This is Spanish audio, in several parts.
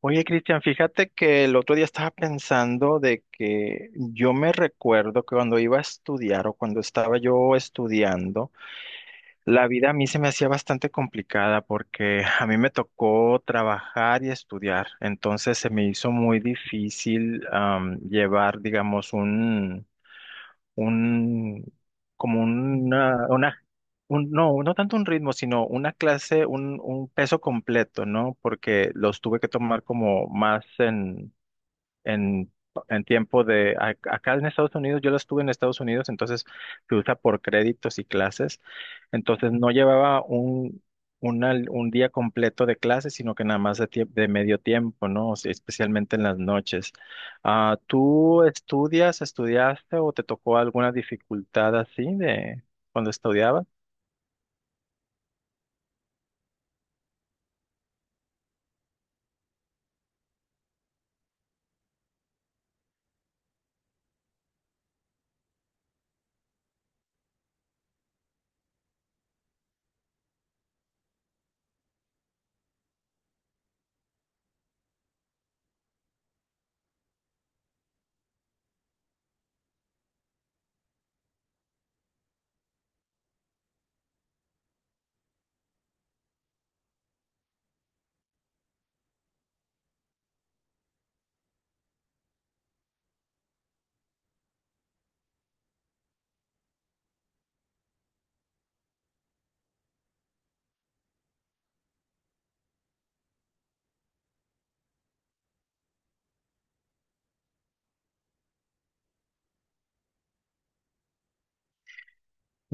Oye, Cristian, fíjate que el otro día estaba pensando de que yo me recuerdo que cuando iba a estudiar o cuando estaba yo estudiando, la vida a mí se me hacía bastante complicada porque a mí me tocó trabajar y estudiar, entonces se me hizo muy difícil llevar, digamos, un, como una, no, no tanto un ritmo, sino una clase, un peso completo, ¿no? Porque los tuve que tomar como más en, en tiempo de, acá en Estados Unidos, yo lo estuve en Estados Unidos, entonces se usa por créditos y clases, entonces no llevaba un día completo de clases, sino que nada más de, de medio tiempo, ¿no? O sea, especialmente en las noches. Ah, ¿tú estudias, estudiaste o te tocó alguna dificultad así de cuando estudiabas?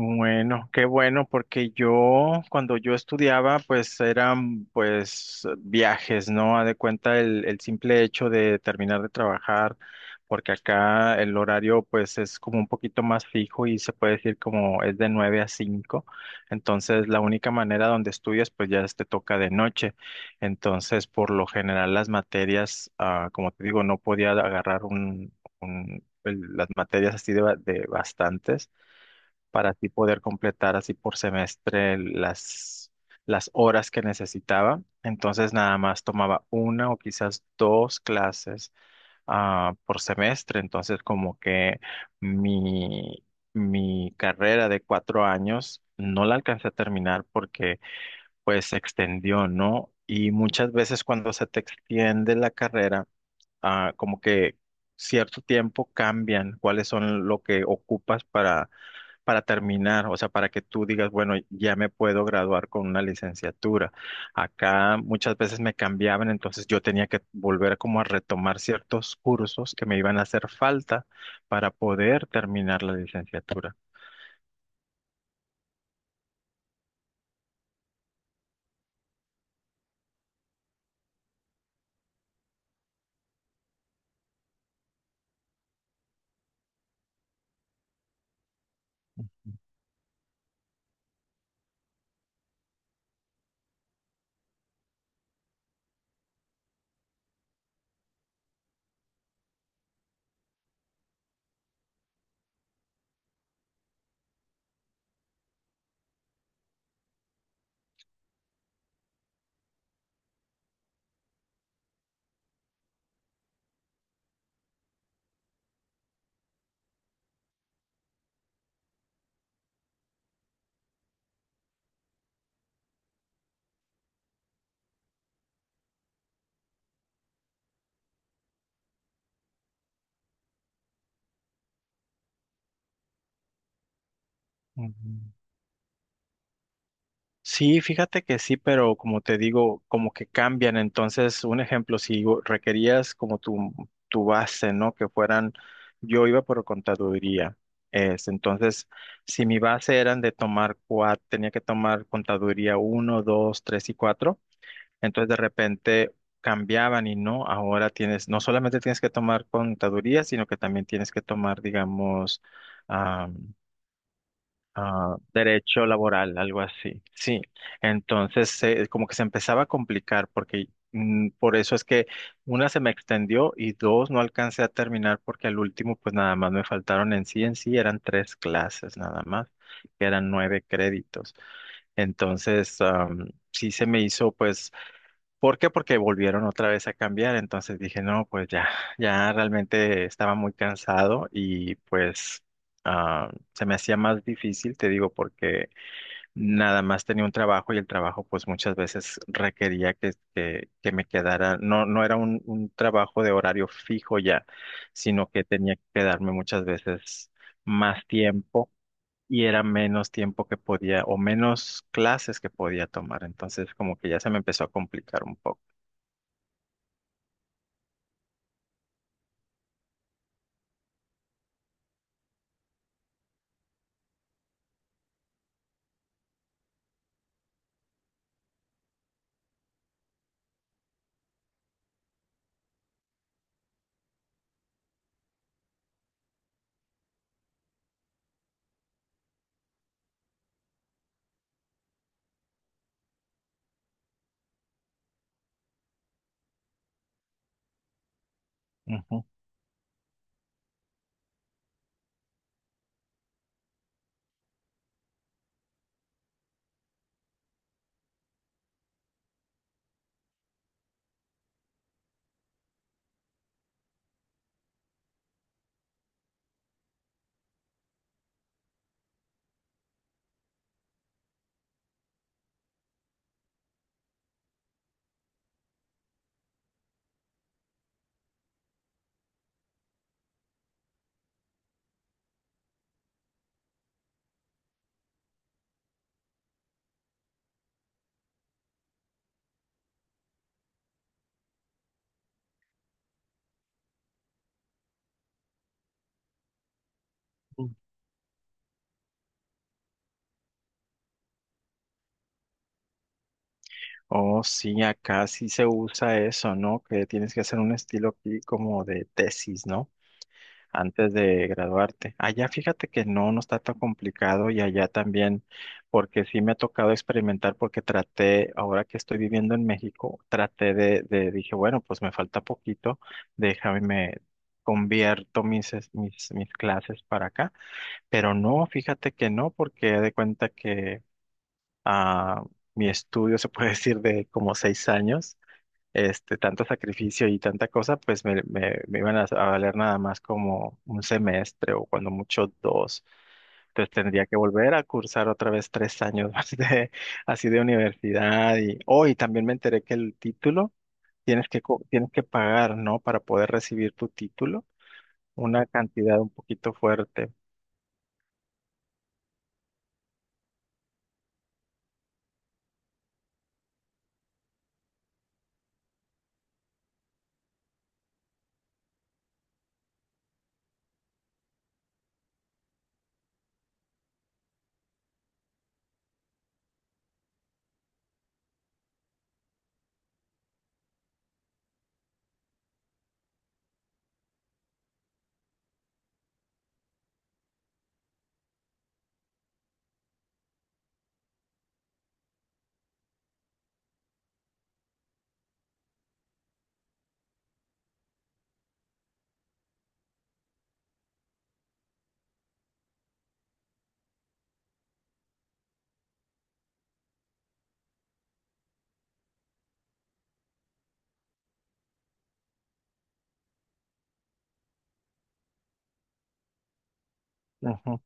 Bueno, qué bueno, porque yo cuando yo estudiaba, pues eran pues viajes, ¿no? A de cuenta el simple hecho de terminar de trabajar, porque acá el horario pues es como un poquito más fijo y se puede decir como es de 9 a 5. Entonces la única manera donde estudias pues ya te toca de noche, entonces por lo general las materias, como te digo, no podía agarrar las materias así de, de bastantes para así poder completar así por semestre las horas que necesitaba. Entonces nada más tomaba una o quizás dos clases por semestre. Entonces como que mi, mi carrera de 4 años no la alcancé a terminar porque pues se extendió, ¿no? Y muchas veces cuando se te extiende la carrera, como que cierto tiempo cambian cuáles son lo que ocupas para terminar, o sea, para que tú digas, bueno, ya me puedo graduar con una licenciatura. Acá muchas veces me cambiaban, entonces yo tenía que volver como a retomar ciertos cursos que me iban a hacer falta para poder terminar la licenciatura. Ujú. Sí, fíjate que sí, pero como te digo, como que cambian. Entonces, un ejemplo, si requerías como tu base, ¿no? Que fueran, yo iba por contaduría. Entonces, si mi base eran de tomar cuatro, tenía que tomar contaduría uno, dos, tres y cuatro. Entonces, de repente cambiaban y no, ahora tienes, no solamente tienes que tomar contaduría, sino que también tienes que tomar, digamos, derecho laboral, algo así. Sí, entonces como que se empezaba a complicar porque por eso es que una se me extendió y dos no alcancé a terminar porque al último pues nada más me faltaron en sí eran tres clases nada más, que eran 9 créditos. Entonces, sí se me hizo pues ¿por qué? Porque volvieron otra vez a cambiar, entonces dije, no, pues ya, ya realmente estaba muy cansado y pues se me hacía más difícil, te digo, porque nada más tenía un trabajo y el trabajo pues muchas veces requería que me quedara, no, no era un trabajo de horario fijo ya, sino que tenía que quedarme muchas veces más tiempo. Y era menos tiempo que podía, o menos clases que podía tomar. Entonces, como que ya se me empezó a complicar un poco. Ujú. Oh, sí, acá sí se usa eso, ¿no? Que tienes que hacer un estilo aquí como de tesis, ¿no? Antes de graduarte. Allá fíjate que no, no está tan complicado y allá también, porque sí me ha tocado experimentar porque traté, ahora que estoy viviendo en México, traté de dije, bueno, pues me falta poquito, déjame, me convierto mis clases para acá, pero no, fíjate que no, porque haz de cuenta que a mi estudio, se puede decir, de como 6 años, este, tanto sacrificio y tanta cosa, pues me iban a valer nada más como un semestre o cuando mucho dos. Entonces tendría que volver a cursar otra vez 3 años más de, así de universidad. Y hoy también me enteré que el título tienes que pagar, ¿no? Para poder recibir tu título, una cantidad un poquito fuerte. Ujú.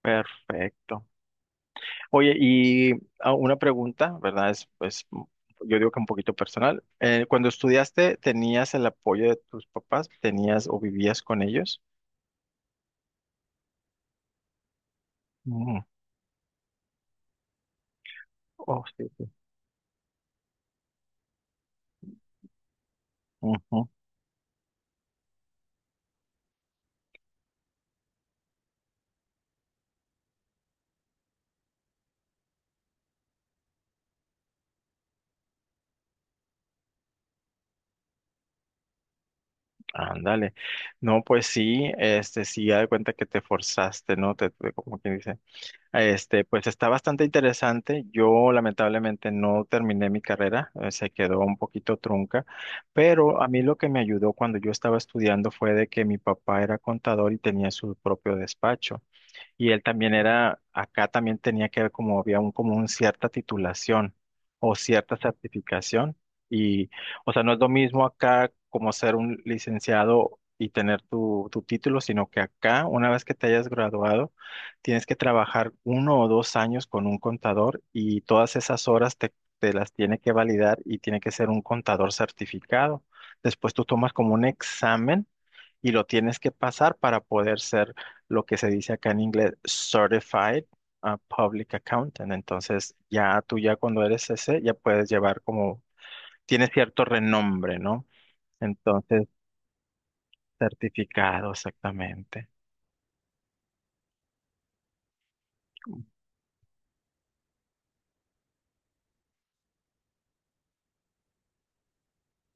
Perfecto. Oye, y una pregunta, ¿verdad? Es, pues, yo digo que un poquito personal. Cuando estudiaste, ¿tenías el apoyo de tus papás? ¿Tenías o vivías con ellos? Mm. Oh, sí, sí. Ujú. Ándale. No, pues sí, este, sí, ya de cuenta que te forzaste, ¿no? Como quien dice. Este, pues está bastante interesante. Yo lamentablemente no terminé mi carrera, se quedó un poquito trunca, pero a mí lo que me ayudó cuando yo estaba estudiando fue de que mi papá era contador y tenía su propio despacho. Y él también era, acá también tenía que ver como había un, como un cierta titulación o cierta certificación. Y, o sea, no es lo mismo acá como ser un licenciado y tener tu título, sino que acá, una vez que te hayas graduado, tienes que trabajar 1 o 2 años con un contador y todas esas horas te las tiene que validar y tiene que ser un contador certificado. Después tú tomas como un examen y lo tienes que pasar para poder ser lo que se dice acá en inglés Certified Public Accountant. Entonces, ya tú ya cuando eres ese, ya puedes llevar como, tiene cierto renombre, ¿no? Entonces, certificado exactamente.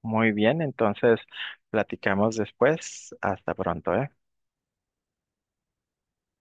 Muy bien, entonces platicamos después. Hasta pronto, ¿eh?